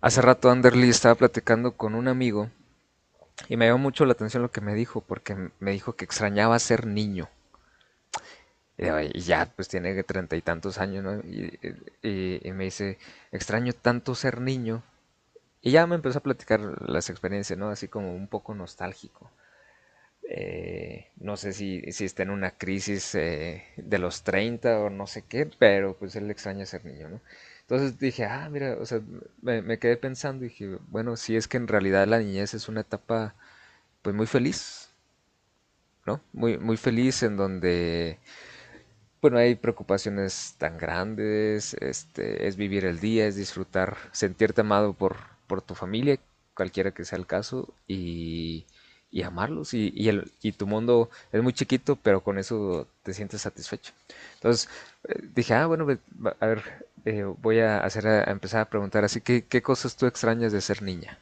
Hace rato Anderly estaba platicando con un amigo y me llamó mucho la atención lo que me dijo, porque me dijo que extrañaba ser niño. Y digo, "Ay, ya, pues tiene que treinta y tantos años, ¿no?" Y, y me dice, extraño tanto ser niño. Y ya me empezó a platicar las experiencias, ¿no? Así como un poco nostálgico. No sé si está en una crisis de los 30 o no sé qué, pero pues él extraña ser niño, ¿no? Entonces dije, ah, mira, o sea, me quedé pensando y dije, bueno, si es que en realidad la niñez es una etapa pues muy feliz, ¿no? Muy, muy feliz en donde pues no hay preocupaciones tan grandes, este, es vivir el día, es disfrutar, sentirte amado por tu familia, cualquiera que sea el caso, y amarlos. Y, el, y tu mundo es muy chiquito, pero con eso te sientes satisfecho. Entonces dije, ah, bueno, pues, a ver, voy a, hacer a empezar a preguntar así, ¿qué, qué cosas tú extrañas de ser niña?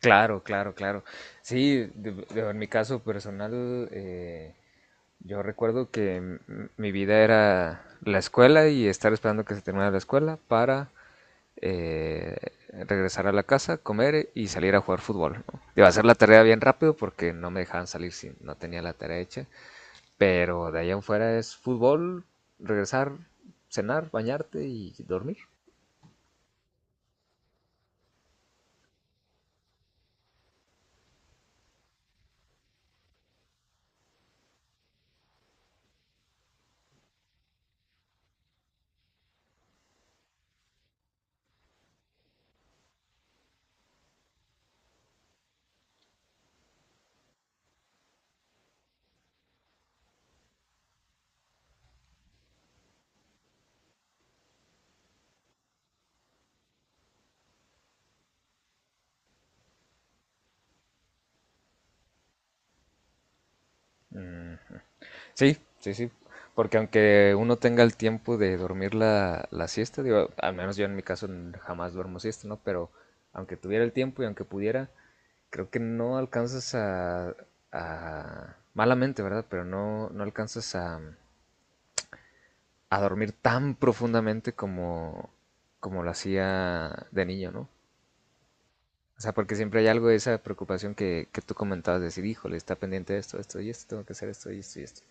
Claro, claro, claro. Sí, en mi caso personal, yo recuerdo que mi vida era la escuela y estar esperando que se terminara la escuela para eh, regresar a la casa, comer y salir a jugar fútbol, ¿no? Iba a hacer la tarea bien rápido porque no me dejaban salir si no tenía la tarea hecha, pero de allá en fuera es fútbol, regresar, cenar, bañarte y dormir. Mm, Sí, sí, sí. Porque aunque uno tenga el tiempo de dormir la siesta, digo, al menos yo en mi caso jamás duermo siesta, ¿no? Pero aunque tuviera el tiempo y aunque pudiera, creo que no alcanzas a- malamente, ¿verdad? Pero no, no alcanzas a dormir tan profundamente como, como lo hacía de niño, ¿no? O sea, porque siempre hay algo de esa preocupación que tú comentabas, de decir, híjole, está pendiente de esto, esto y esto, tengo que hacer esto y esto y esto.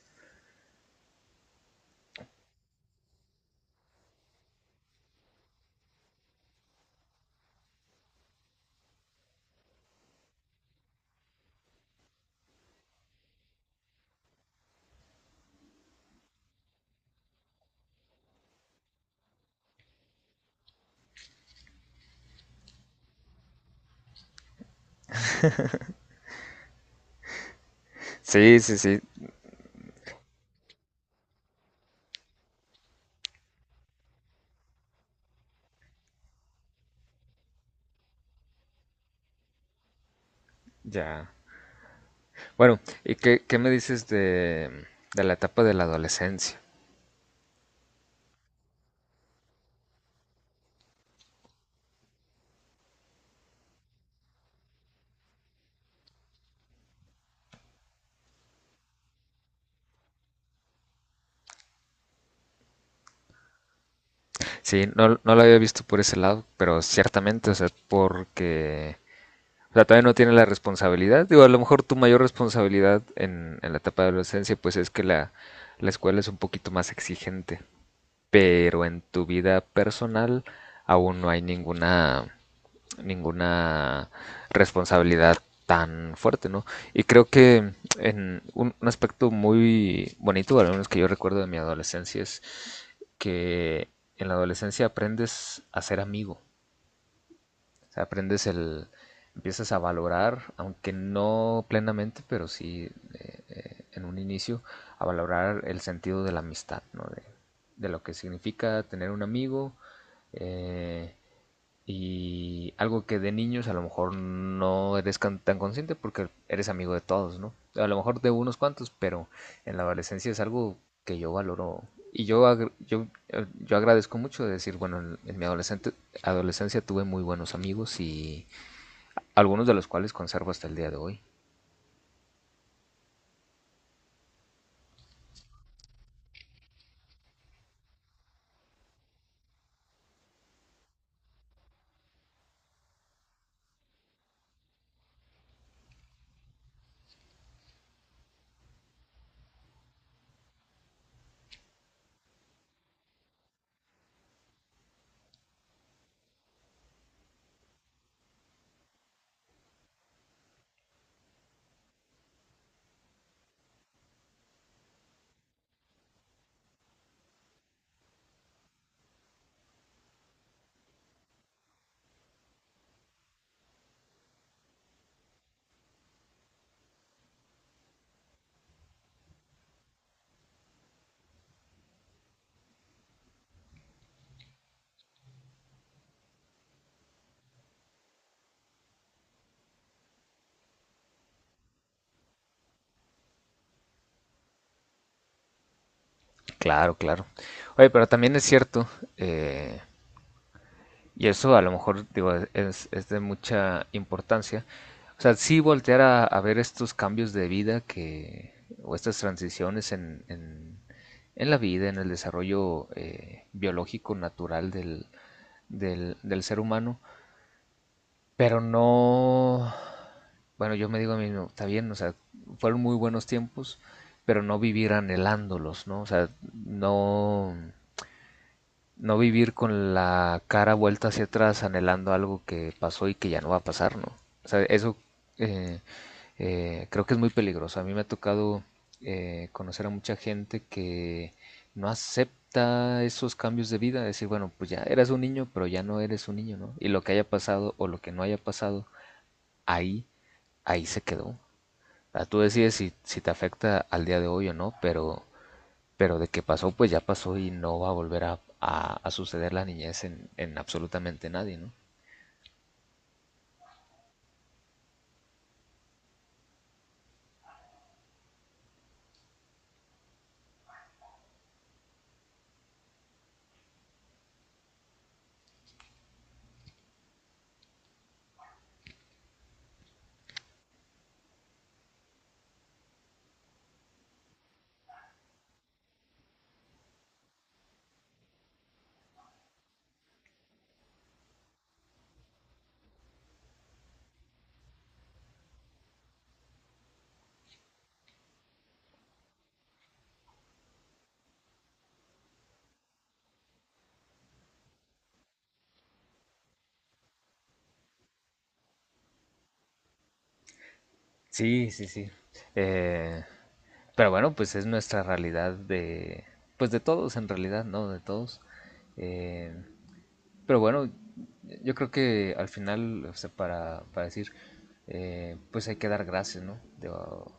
Sí, sí, sí, ya. Bueno, ¿y qué, qué me dices de la etapa de la adolescencia? Sí, no, no lo había visto por ese lado, pero ciertamente, o sea, porque, o sea, todavía no tiene la responsabilidad. Digo, a lo mejor tu mayor responsabilidad en la etapa de adolescencia, pues es que la escuela es un poquito más exigente, pero en tu vida personal aún no hay ninguna ninguna responsabilidad tan fuerte, ¿no? Y creo que en un aspecto muy bonito, al menos que yo recuerdo de mi adolescencia, es que en la adolescencia aprendes a ser amigo, o sea, aprendes el, empiezas a valorar, aunque no plenamente, pero sí en un inicio, a valorar el sentido de la amistad, ¿no? De lo que significa tener un amigo, eh, y algo que de niños a lo mejor no eres tan consciente porque eres amigo de todos, ¿no? A lo mejor de unos cuantos, pero en la adolescencia es algo que yo valoro. Y yo, yo, yo agradezco mucho de decir, bueno, en mi adolescencia tuve muy buenos amigos y algunos de los cuales conservo hasta el día de hoy. Claro, claro. Oye, pero también es cierto, eh, y eso a lo mejor, digo, es de mucha importancia. O sea, sí voltear a ver estos cambios de vida que, o estas transiciones en la vida, en el desarrollo biológico natural del, del, del ser humano, pero no... Bueno, yo me digo a mí, no está bien, o sea, fueron muy buenos tiempos, pero no vivir anhelándolos, ¿no? O sea, no no vivir con la cara vuelta hacia atrás anhelando algo que pasó y que ya no va a pasar, ¿no? O sea, eso eh, creo que es muy peligroso. A mí me ha tocado conocer a mucha gente que no acepta esos cambios de vida. Decir, bueno, pues ya eras un niño, pero ya no eres un niño, ¿no? Y lo que haya pasado o lo que no haya pasado, ahí, ahí se quedó. O sea, tú decides si, si te afecta al día de hoy o no, pero de que pasó, pues ya pasó y no va a volver a, a suceder la niñez en absolutamente nadie, ¿no? Sí, sí, sí. Eh, pero bueno, pues es nuestra realidad de, pues de todos en realidad, ¿no? De todos. Eh, pero bueno, yo creo que al final, o sea, para decir, pues hay que dar gracias, ¿no? Digo,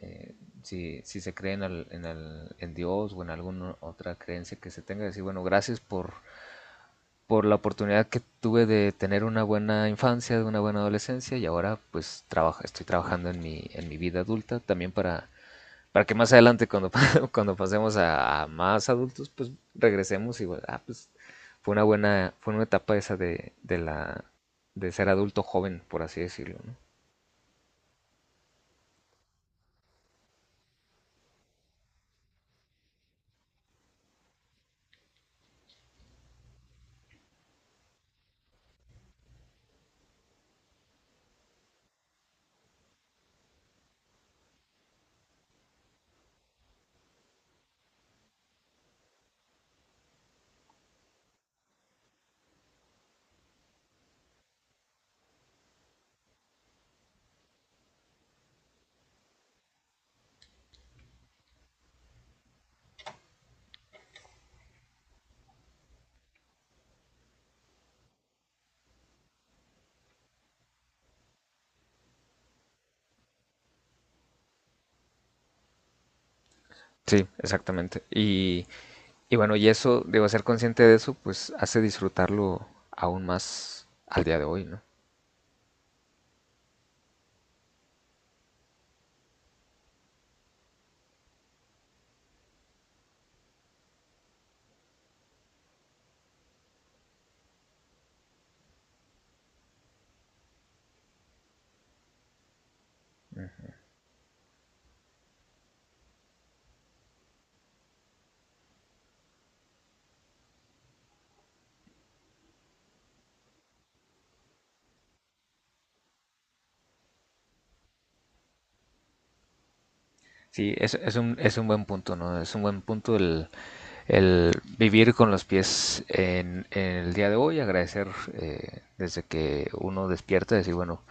eh, si, si se cree en, en, en Dios o en alguna otra creencia que se tenga, decir, bueno, gracias por la oportunidad que tuve de tener una buena infancia, de una buena adolescencia y ahora pues trabaja, estoy trabajando en mi vida adulta también para que más adelante cuando, cuando pasemos a más adultos pues regresemos y bueno, ah, pues fue una buena, fue una etapa esa de la, de ser adulto joven, por así decirlo, ¿no? Sí, exactamente. Y bueno, y eso, debo ser consciente de eso, pues hace disfrutarlo aún más al día de hoy, ¿no? Sí, es un buen punto, ¿no? Es un buen punto el vivir con los pies en el día de hoy, agradecer desde que uno despierta, decir, bueno,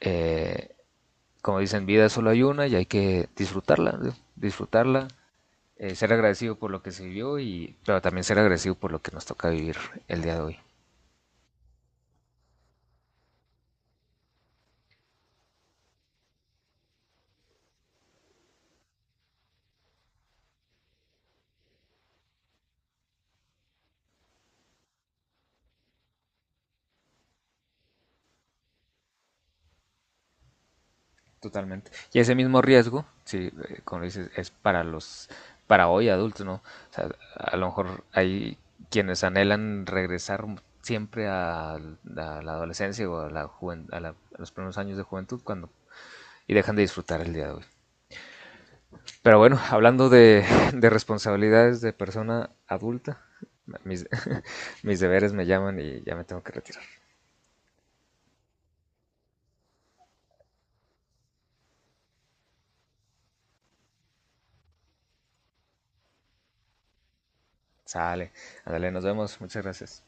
eh, como dicen, vida solo hay una y hay que disfrutarla, ¿no? Disfrutarla, ser agradecido por lo que se vivió y, pero también ser agradecido por lo que nos toca vivir el día de hoy. Totalmente. Y ese mismo riesgo, sí, como dices, es para los, para hoy adultos, ¿no? O sea, a lo mejor hay quienes anhelan regresar siempre a la adolescencia o a, a a los primeros años de juventud cuando y dejan de disfrutar el día de hoy. Pero bueno, hablando de responsabilidades de persona adulta, mis, mis deberes me llaman y ya me tengo que retirar. Sale, ándale, nos vemos, muchas gracias.